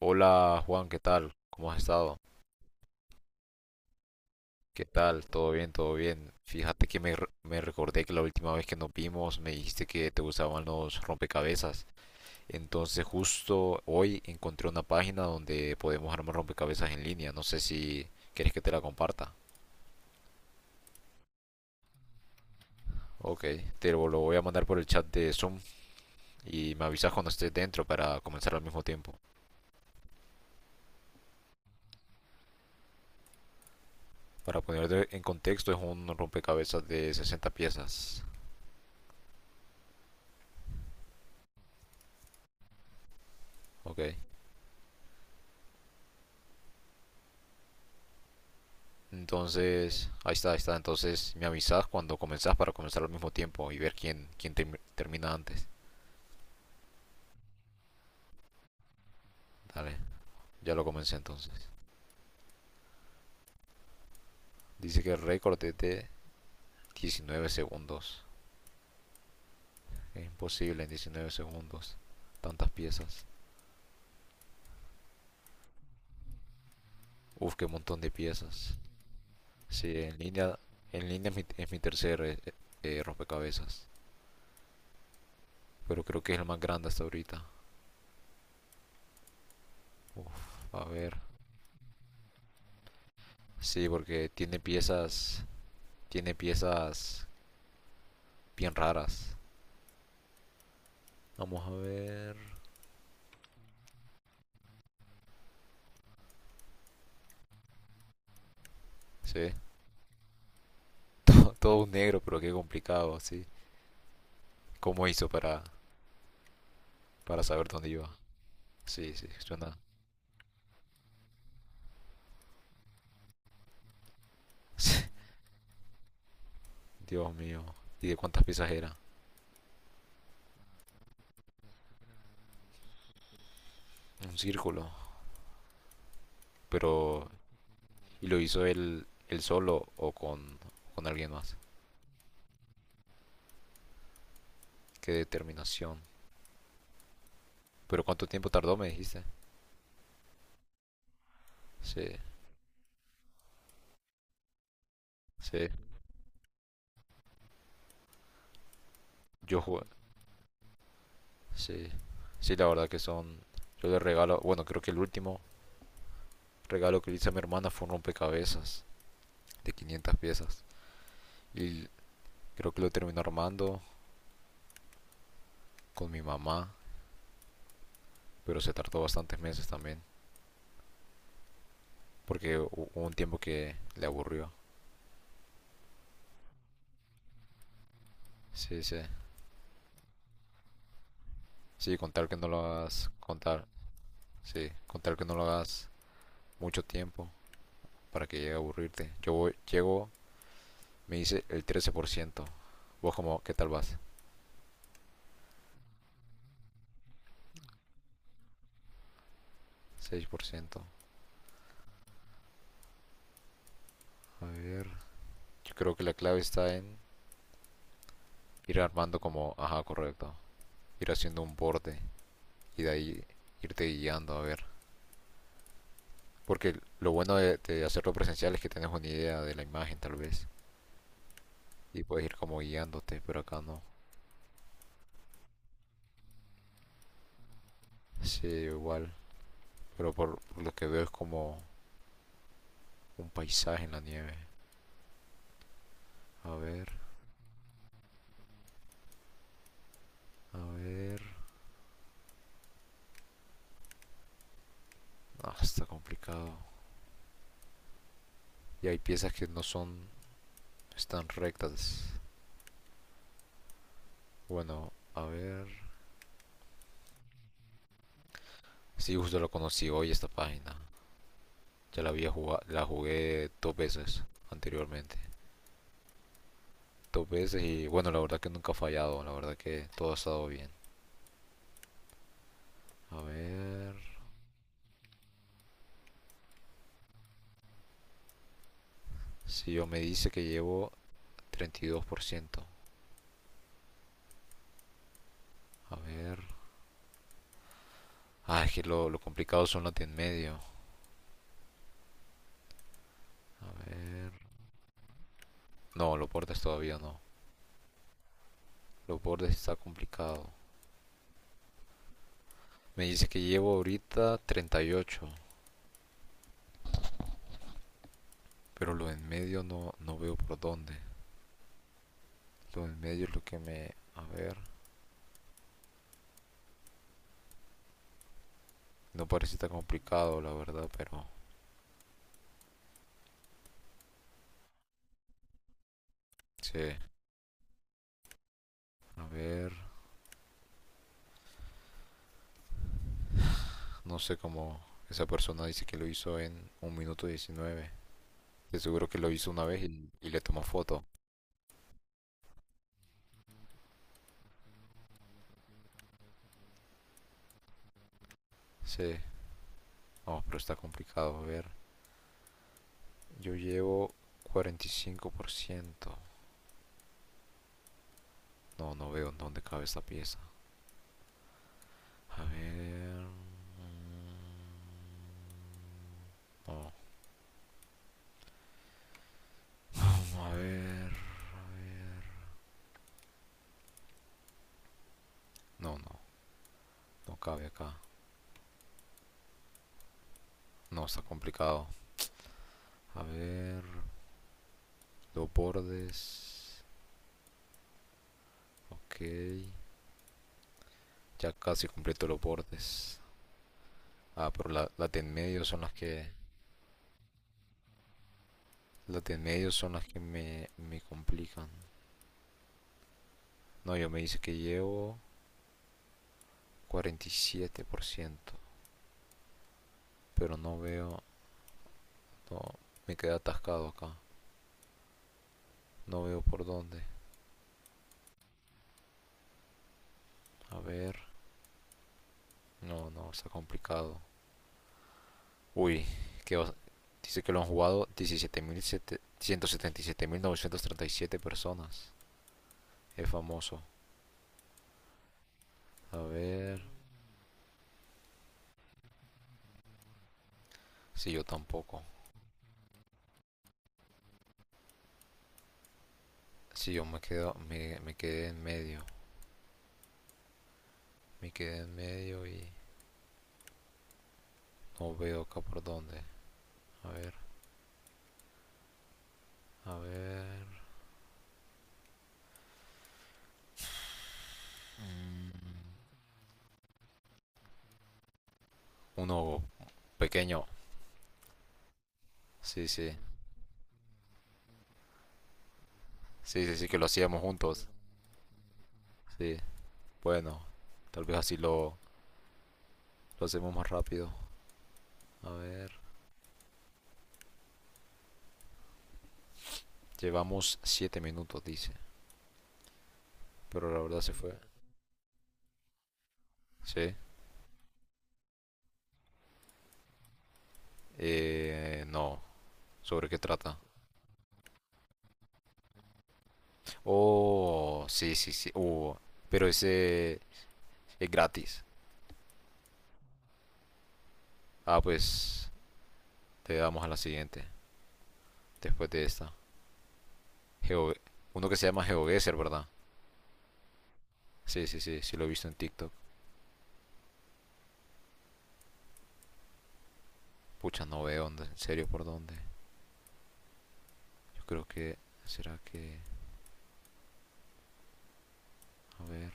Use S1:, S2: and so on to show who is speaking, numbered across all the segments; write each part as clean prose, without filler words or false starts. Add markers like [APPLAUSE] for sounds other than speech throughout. S1: Hola Juan, ¿qué tal? ¿Cómo has estado? ¿Qué tal? ¿Todo bien? ¿Todo bien? Fíjate que me recordé que la última vez que nos vimos me dijiste que te gustaban los rompecabezas. Entonces justo hoy encontré una página donde podemos armar rompecabezas en línea. No sé si quieres que te la comparta. Ok, te lo voy a mandar por el chat de Zoom y me avisas cuando estés dentro para comenzar al mismo tiempo. Para ponerte en contexto, es un rompecabezas de 60 piezas. Ok. Entonces, ahí está. Entonces me avisas cuando comenzás para comenzar al mismo tiempo y ver quién, termina antes. Dale, ya lo comencé entonces. Dice que el récord es de 19 segundos. Es imposible en 19 segundos. Tantas piezas. Uf, qué montón de piezas. Sí, en línea es es mi tercer rompecabezas. Pero creo que es el más grande hasta ahorita. Uf, a ver. Sí, porque tiene piezas bien raras. Vamos a ver. Se ve [LAUGHS] todo un negro, pero qué complicado, sí. ¿Cómo hizo para saber dónde iba? Sí, sí, suena. [LAUGHS] Dios mío. ¿Y de cuántas piezas era? Un círculo. Pero. ¿Y lo hizo él solo o con alguien más? Qué determinación. ¿Pero cuánto tiempo tardó, me dijiste? Sí, sí. Yo jugué. Sí. Sí, la verdad que son. Yo le regalo. Bueno, creo que el último regalo que le hice a mi hermana fue un rompecabezas de 500 piezas. Y creo que lo terminé armando con mi mamá, pero se tardó bastantes meses también, porque hubo un tiempo que le aburrió. Sí, sí. Sí, contar que no lo hagas, contar, sí, contar que no lo hagas mucho tiempo para que llegue a aburrirte. Yo llego, me dice el 13%. Vos como, ¿qué tal vas? 6%. A ver. Yo creo que la clave está en ir armando como, ajá, correcto. Ir haciendo un borde y de ahí irte guiando a ver. Porque lo bueno de hacerlo presencial es que tienes una idea de la imagen tal vez y puedes ir como guiándote, pero acá no. Sí, igual. Pero por lo que veo es como un paisaje en la nieve. A ver, a ver. Ah, está complicado. Y hay piezas que no son, están rectas. Bueno, a ver. Sí, justo lo conocí hoy esta página. Ya la había jugado, la jugué dos veces anteriormente. Dos veces y bueno, la verdad que nunca ha fallado. La verdad que todo ha estado bien. A ver. Si yo me dice que llevo 32%. A ver. Ah, es lo complicado son los de en medio. A ver. No, los bordes todavía no. Los bordes está complicado. Me dice que llevo ahorita 38%. Pero lo en medio no veo por dónde. Lo en medio es lo que me... A ver. No parece tan complicado, la verdad, pero... Sí. A ver. No sé cómo... Esa persona dice que lo hizo en un minuto diecinueve. De seguro que lo hizo una vez y le tomó foto. Sí. No, pero está complicado. A ver, yo llevo 45%. No, no veo en dónde cabe esta pieza. A ver. No, no, a ver. A ver. No, no, no cabe acá. No, está complicado. A ver. Los bordes. Ok. Ya casi completo los bordes. Ah, pero las de en medio son las que. Las de en medio son las que me complican. No, yo me dice que llevo 47%. Pero no veo. No, me quedé atascado acá. No veo por dónde. A ver. No, no, está complicado. Uy, que os- dice que lo han jugado diecisiete mil mil 77.937 personas. Es famoso. A ver. Si sí, yo tampoco. Si sí, yo me me quedé en medio. Me quedé en medio y no veo acá por dónde. A ver, a ver. Mm. Uno pequeño. Sí, sí. Sí, sí, sí, que lo hacíamos juntos. Sí. Bueno, tal vez lo hacemos más rápido. A ver, llevamos 7 minutos, dice. Pero la verdad se fue. Sí. No. ¿Sobre qué trata? Oh, sí, sí, sí. Oh, pero ese es gratis. Ah, pues te damos a la siguiente. Después de esta. Geo- Uno que se llama GeoGuessr, ¿verdad? Sí, sí, sí. Sí lo he visto en TikTok. Pucha, no veo dónde. En serio, ¿por dónde? Yo creo que... ¿Será que...? A ver.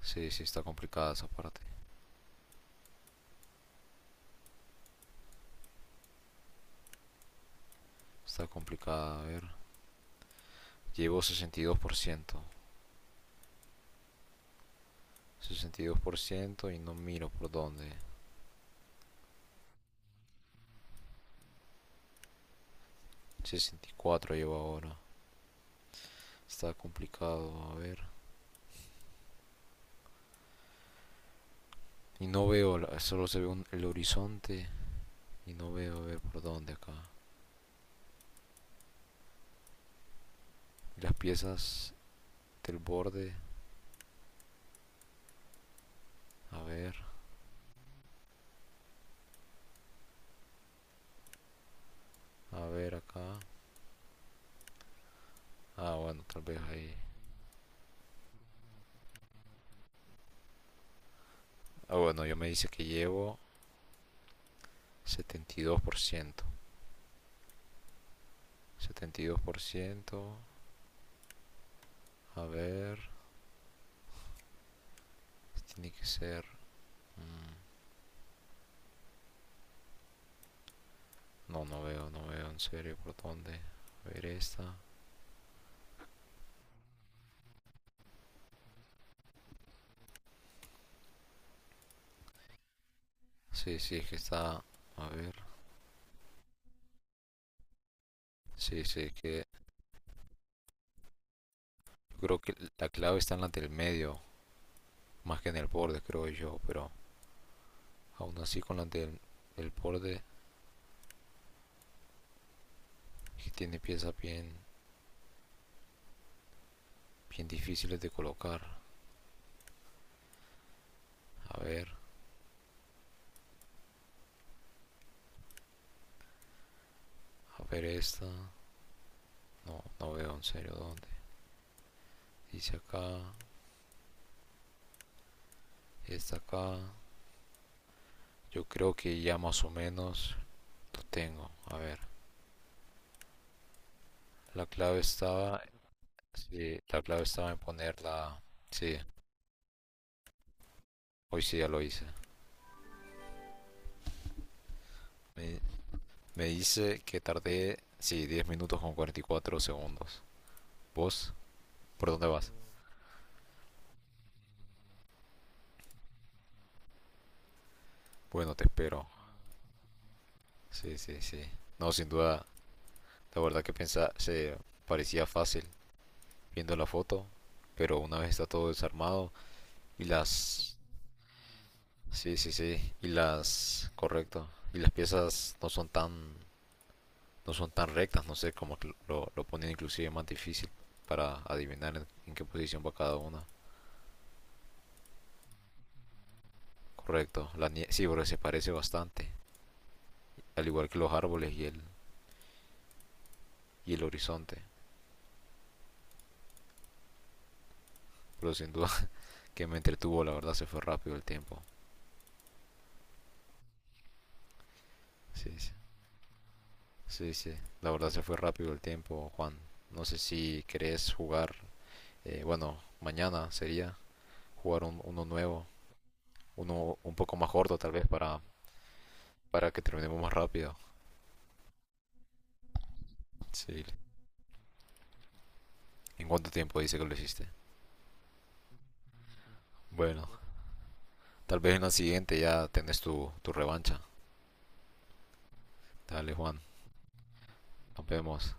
S1: Sí, sí, está complicada esa parte. Está complicada, a ver. Llevo 62% y no miro por dónde. 64 llevo ahora. Está complicado, a ver. Y no veo, solo se ve el horizonte y no veo a ver por dónde acá. Las piezas del borde, a ver, a ver acá. Ah, bueno, tal vez ahí. Ah, bueno, yo me dice que llevo setenta setenta y y dos dos por ciento 72%, a ver, tiene que ser. No, no veo en serio por dónde. A ver esta. Sí, sí, es que está... A ver. Sí, sí, es que... Yo creo que la clave está en la del medio, más que en el borde, creo yo, pero aún así con la del el borde que tiene bien difíciles de colocar. A ver, a ver esta. No, no veo en serio dónde. Dice acá, esta acá. Yo creo que ya más o menos lo tengo. A ver, la clave estaba. Sí, la clave estaba en ponerla. Sí, hoy sí ya lo hice. Me, me dice que tardé, sí, 10 minutos con 44 segundos. ¿Vos? ¿Por dónde vas? Bueno, te espero. Sí, sí, sí. No, sin duda, la verdad que pensaba, se parecía fácil viendo la foto, pero una vez está todo desarmado y las... Sí, sí, sí. Y las... Correcto. Y las piezas no son tan rectas, no sé cómo lo ponen inclusive más difícil para adivinar en qué posición va cada una. Correcto, la nieve, sí, porque se parece bastante, al igual que los árboles y el horizonte. Pero sin duda [LAUGHS] que me entretuvo, la verdad se fue rápido el tiempo. Sí, sí, sí, sí, la verdad se fue rápido el tiempo, Juan. No sé si querés jugar, bueno, mañana sería jugar uno nuevo, uno un poco más corto tal vez para que terminemos más rápido. Sí. ¿En cuánto tiempo dice que lo hiciste? Bueno, tal vez en la siguiente ya tenés tu revancha. Dale, Juan, nos vemos.